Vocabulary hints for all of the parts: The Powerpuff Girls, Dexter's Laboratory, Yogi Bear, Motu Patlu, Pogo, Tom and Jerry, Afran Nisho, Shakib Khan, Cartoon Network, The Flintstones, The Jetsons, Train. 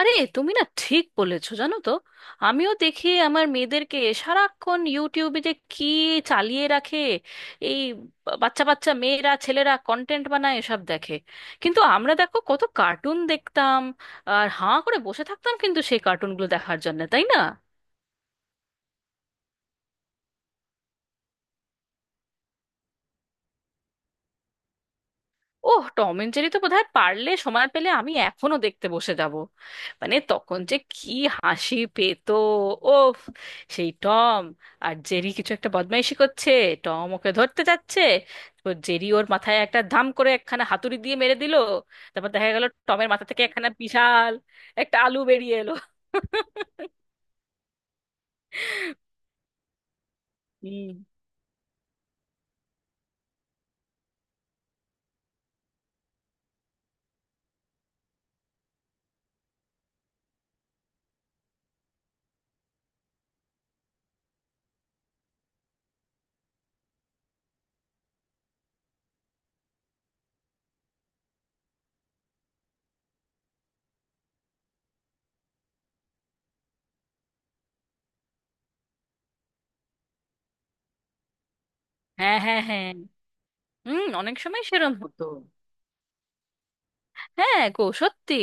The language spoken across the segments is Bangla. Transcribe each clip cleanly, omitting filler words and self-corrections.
আরে তুমি না ঠিক বলেছো, জানো তো? আমিও দেখি আমার মেয়েদেরকে সারাক্ষণ ইউটিউবে যে কি চালিয়ে রাখে। এই বাচ্চা বাচ্চা মেয়েরা, ছেলেরা কন্টেন্ট বানায়, এসব দেখে। কিন্তু আমরা দেখো কত কার্টুন দেখতাম, আর হাঁ করে বসে থাকতাম কিন্তু সেই কার্টুনগুলো দেখার জন্য, তাই না? ওহ, টম এন্ড জেরি তো বোধহয় পারলে, সময় পেলে আমি এখনো দেখতে বসে যাব। মানে তখন যে কি হাসি পেতো, ওফ! সেই টম আর জেরি কিছু একটা বদমাইশি করছে, টম ওকে ধরতে যাচ্ছে, তো জেরি ওর মাথায় একটা ধাম করে একখানা হাতুড়ি দিয়ে মেরে দিল। তারপর দেখা গেল টমের মাথা থেকে একখানা বিশাল একটা আলু বেরিয়ে এলো। হুম। হ্যাঁ হ্যাঁ হ্যাঁ। হুম, অনেক সময় সেরম। হ্যাঁ গো, সত্যি।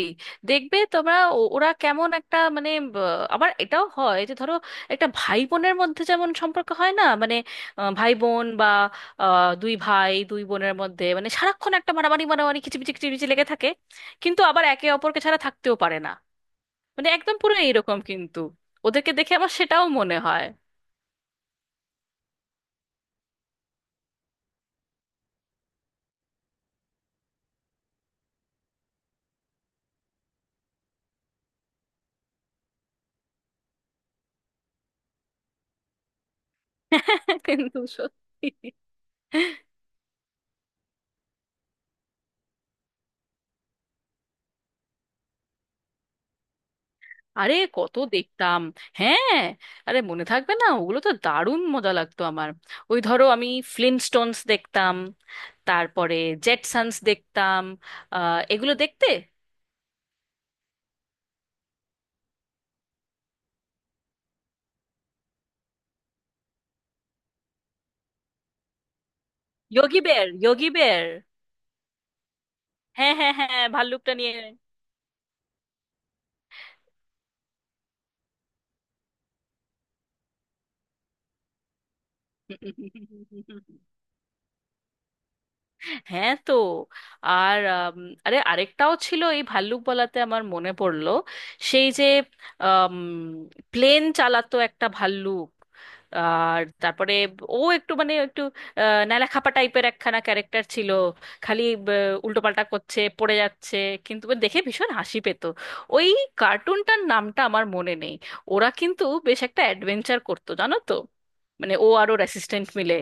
দেখবে তোমরা ওরা কেমন একটা মানে আবার এটাও হয় যে ধরো, একটা ভাই বোনের মধ্যে যেমন সম্পর্ক হয় না মানে, ভাই বোন বা দুই ভাই দুই বোনের মধ্যে মানে সারাক্ষণ একটা মারামারি মারামারি কিচিমিচি কিচিমিচি লেগে থাকে, কিন্তু আবার একে অপরকে ছাড়া থাকতেও পারে না। মানে একদম পুরো এইরকম কিন্তু, ওদেরকে দেখে আমার সেটাও মনে হয়। কিন্তু সত্যি। আরে কত দেখতাম! হ্যাঁ, আরে মনে থাকবে না? ওগুলো তো দারুণ মজা লাগতো আমার। ওই ধরো আমি ফ্লিনস্টোনস দেখতাম, তারপরে জেটসন্স দেখতাম। আহ, এগুলো দেখতে। যোগী বেয়ার, যোগী বেয়ার। হ্যাঁ হ্যাঁ হ্যাঁ, ভাল্লুকটা নিয়ে। হ্যাঁ, তো আর আরে আরেকটাও ছিল, এই ভাল্লুক বলাতে আমার মনে পড়লো। সেই যে প্লেন চালাতো একটা ভাল্লুক, আর তারপরে ও একটু মানে একটু ন্যাড়াখাপা টাইপের একখানা ক্যারেক্টার ছিল। খালি উল্টোপাল্টা করছে, পড়ে যাচ্ছে, কিন্তু ওর দেখে ভীষণ হাসি পেত। ওই কার্টুনটার নামটা আমার মনে নেই। ওরা কিন্তু বেশ একটা অ্যাডভেঞ্চার করতো, জানো তো? মানে ও আর ওর অ্যাসিস্ট্যান্ট মিলে।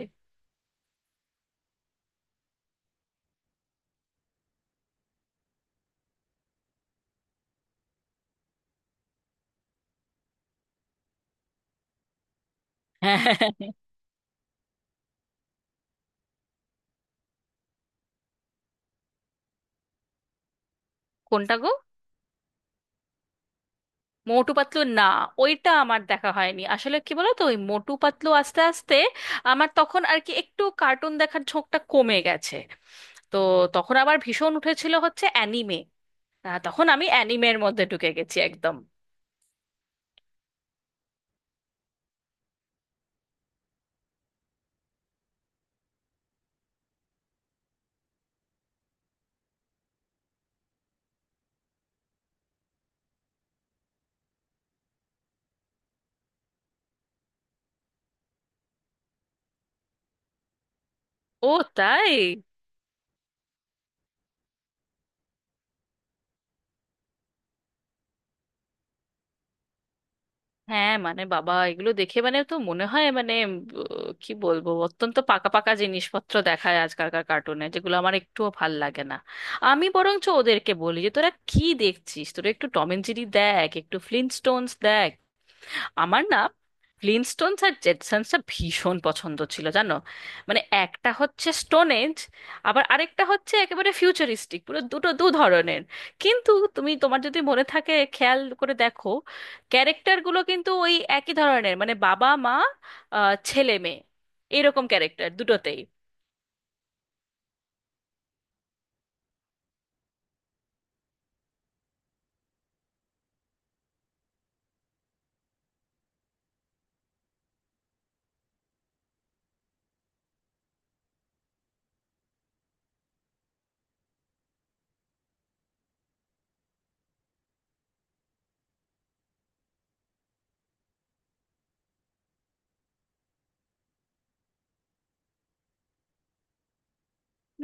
হ্যাঁ হ্যাঁ, হ্যাঁ, হ্যাঁ। কোনটা গো? মোটু পাতলু না? ওইটা আমার দেখা হয়নি। আসলে কি বলতো, ওই মোটু পাতলু আস্তে আস্তে আমার তখন আর কি একটু কার্টুন দেখার ঝোঁকটা কমে গেছে। তো তখন আবার ভীষণ উঠেছিল হচ্ছে অ্যানিমে, তখন আমি অ্যানিমের মধ্যে ঢুকে গেছি একদম। ও তাই? হ্যাঁ মানে বাবা, এগুলো দেখে মানে তো মনে হয় মানে কি বলবো, অত্যন্ত পাকা পাকা জিনিসপত্র দেখায় আজকালকার কার্টুনে, যেগুলো আমার একটুও ভাল লাগে না। আমি বরঞ্চ ওদেরকে বলি যে তোরা কি দেখছিস, তোরা একটু টম অ্যান্ড জেরি দেখ, একটু ফ্লিনস্টোনস দেখ। আমার না ফ্লিনস্টোনস আর জেটসন্সটা ভীষণ পছন্দ ছিল, জানো? মানে একটা হচ্ছে স্টোনেজ, আবার আরেকটা হচ্ছে একেবারে ফিউচারিস্টিক, পুরো দুটো দু ধরনের। কিন্তু তুমি, তোমার যদি মনে থাকে খেয়াল করে দেখো, ক্যারেক্টারগুলো কিন্তু ওই একই ধরনের। মানে বাবা মা, ছেলে মেয়ে, এরকম ক্যারেক্টার দুটোতেই।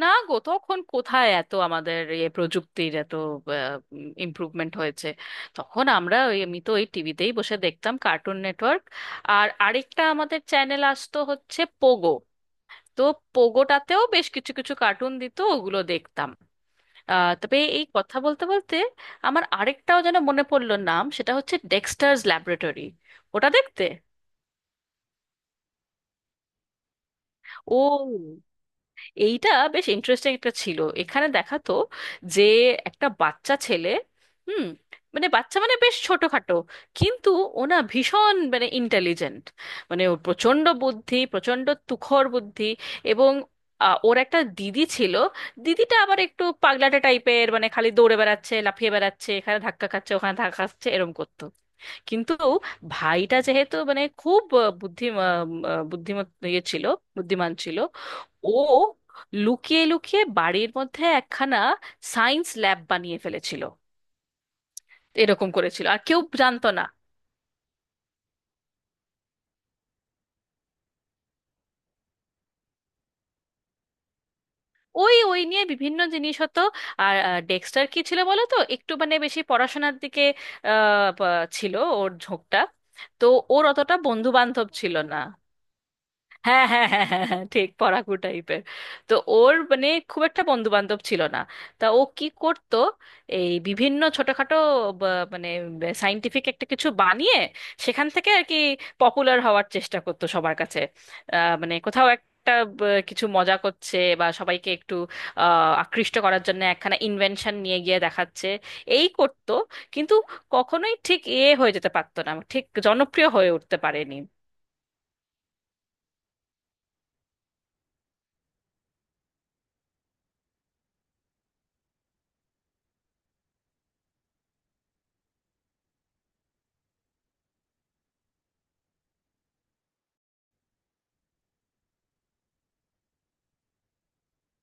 না গো, তখন কোথায় এত আমাদের এ প্রযুক্তির এত ইমপ্রুভমেন্ট হয়েছে! তখন আমরা ওই, আমি তো ওই টিভিতেই বসে দেখতাম কার্টুন নেটওয়ার্ক। আর আরেকটা আমাদের চ্যানেল আসতো হচ্ছে পোগো। তো পোগোটাতেও বেশ কিছু কিছু কার্টুন দিত, ওগুলো দেখতাম। তবে এই কথা বলতে বলতে আমার আরেকটাও যেন মনে পড়লো নাম, সেটা হচ্ছে ডেক্সটার্স ল্যাবরেটরি। ওটা দেখতে? ও, এইটা বেশ ইন্টারেস্টিং একটা ছিল। এখানে দেখাতো যে একটা বাচ্চা ছেলে, হুম, মানে বাচ্চা মানে বেশ ছোটখাটো, কিন্তু ওনা ভীষণ মানে ইন্টেলিজেন্ট। মানে ওর প্রচণ্ড বুদ্ধি, প্রচণ্ড তুখর বুদ্ধি। এবং ওর একটা দিদি ছিল। দিদিটা আবার একটু পাগলাটে টাইপের, মানে খালি দৌড়ে বেড়াচ্ছে, লাফিয়ে বেড়াচ্ছে, এখানে ধাক্কা খাচ্ছে, ওখানে ধাক্কা খাচ্ছে, এরম করতো। কিন্তু ভাইটা যেহেতু মানে খুব আহ, বুদ্ধি আহ, আহ, বুদ্ধিমত ইয়ে ছিল, বুদ্ধিমান ছিল, ও লুকিয়ে লুকিয়ে বাড়ির মধ্যে একখানা সায়েন্স ল্যাব বানিয়ে ফেলেছিল। এরকম করেছিল, আর কেউ জানতো না। ওই ওই নিয়ে বিভিন্ন জিনিস হতো। আর ডেক্সটার কি ছিল বলো তো, একটু মানে বেশি পড়াশোনার দিকে ছিল ওর ঝোঁকটা। তো ওর অতটা বন্ধু বান্ধব ছিল না। হ্যাঁ হ্যাঁ হ্যাঁ হ্যাঁ হ্যাঁ, ঠিক পড়াকু টাইপের। তো ওর মানে খুব একটা বন্ধু বান্ধব ছিল না। তা ও কি করত? এই বিভিন্ন ছোটখাটো মানে সাইন্টিফিক একটা কিছু বানিয়ে সেখান থেকে আর কি পপুলার হওয়ার চেষ্টা করতো সবার কাছে। মানে কোথাও একটা কিছু মজা করছে, বা সবাইকে একটু আকৃষ্ট করার জন্য একখানা ইনভেনশন নিয়ে গিয়ে দেখাচ্ছে, এই করতো। কিন্তু কখনোই ঠিক এ হয়ে যেতে পারতো না, ঠিক জনপ্রিয় হয়ে উঠতে পারেনি।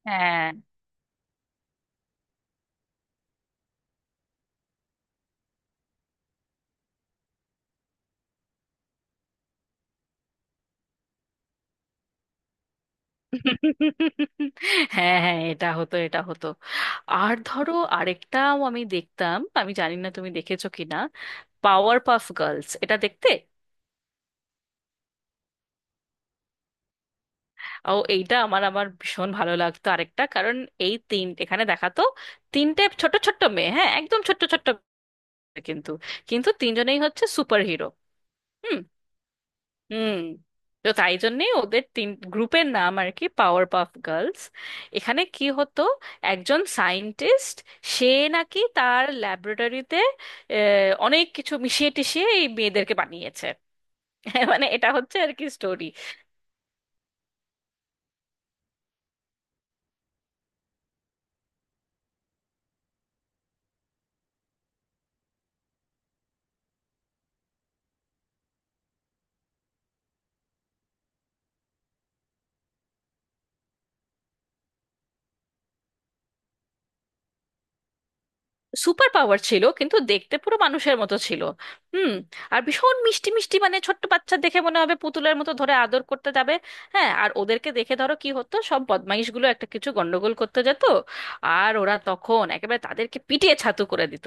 হ্যাঁ হ্যাঁ হ্যাঁ, এটা হতো, এটা হতো। আর ধরো আরেকটাও আমি দেখতাম, আমি জানি না তুমি দেখেছো কিনা, পাওয়ার পাফ গার্লস, এটা দেখতে? ও, এইটা আমার আমার ভীষণ ভালো লাগতো আরেকটা কারণ। এই তিন, এখানে দেখাতো তিনটে ছোট ছোট্ট মেয়ে, হ্যাঁ একদম ছোট্ট ছোট্ট মেয়ে, কিন্তু, কিন্তু তিনজনেই হচ্ছে সুপার হিরো। হুম। তো তাই জন্যেই ওদের তিন গ্রুপের নাম আর কি পাওয়ার পাফ গার্লস। এখানে কি হতো, একজন সায়েন্টিস্ট, সে নাকি তার ল্যাবরেটরিতে অনেক কিছু মিশিয়ে টিশিয়ে এই মেয়েদেরকে বানিয়েছে। মানে এটা হচ্ছে আর কি স্টোরি। সুপার পাওয়ার ছিল, কিন্তু দেখতে পুরো মানুষের মতো ছিল। হুম। আর ভীষণ মিষ্টি মিষ্টি, মানে ছোট্ট বাচ্চা দেখে মনে হবে পুতুলের মতো ধরে আদর করতে যাবে। হ্যাঁ, আর ওদেরকে দেখে ধরো কি হতো, সব বদমাইশগুলো একটা কিছু গন্ডগোল করতে যেত, আর ওরা তখন একেবারে তাদেরকে পিটিয়ে ছাতু করে দিত।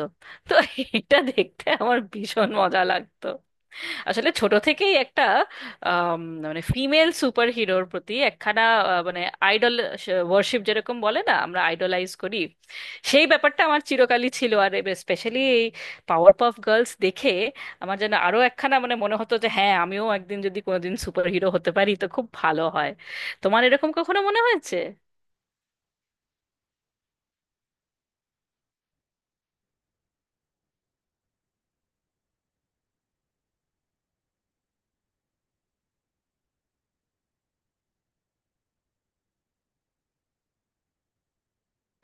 তো এটা দেখতে আমার ভীষণ মজা লাগতো। আসলে ছোট থেকেই একটা আম, মানে ফিমেল সুপার হিরোর প্রতি একখানা মানে আইডল ওয়ার্শিপ, যেরকম বলে না আমরা আইডলাইজ করি, সেই ব্যাপারটা আমার চিরকালই ছিল। আর স্পেশালি এই পাওয়ার পাফ গার্লস দেখে আমার যেন আরো একখানা মানে মনে হতো যে হ্যাঁ, আমিও একদিন যদি কোনোদিন সুপার হিরো হতে পারি তো খুব ভালো হয়। তোমার এরকম কখনো মনে হয়েছে?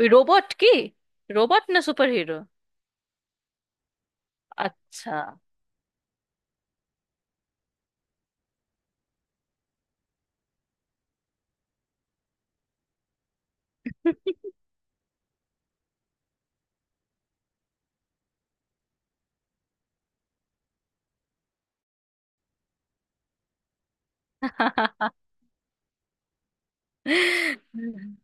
ওই রোবট কি, রোবট না সুপার হিরো? আচ্ছা।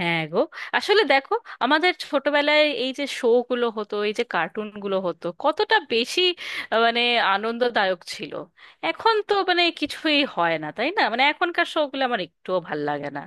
হ্যাঁ গো। আসলে দেখো, আমাদের ছোটবেলায় এই যে শো গুলো হতো, এই যে কার্টুন গুলো হতো, কতটা বেশি মানে আনন্দদায়ক ছিল। এখন তো মানে কিছুই হয় না, তাই না? মানে এখনকার শো গুলো আমার একটুও ভাল লাগে না।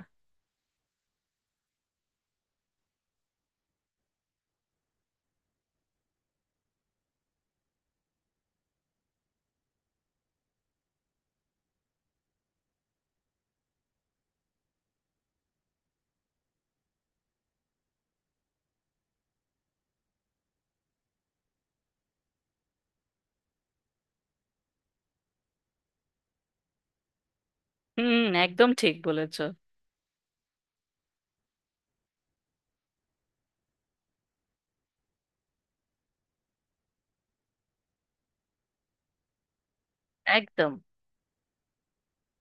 হুম, একদম ঠিক বলেছো। একদম।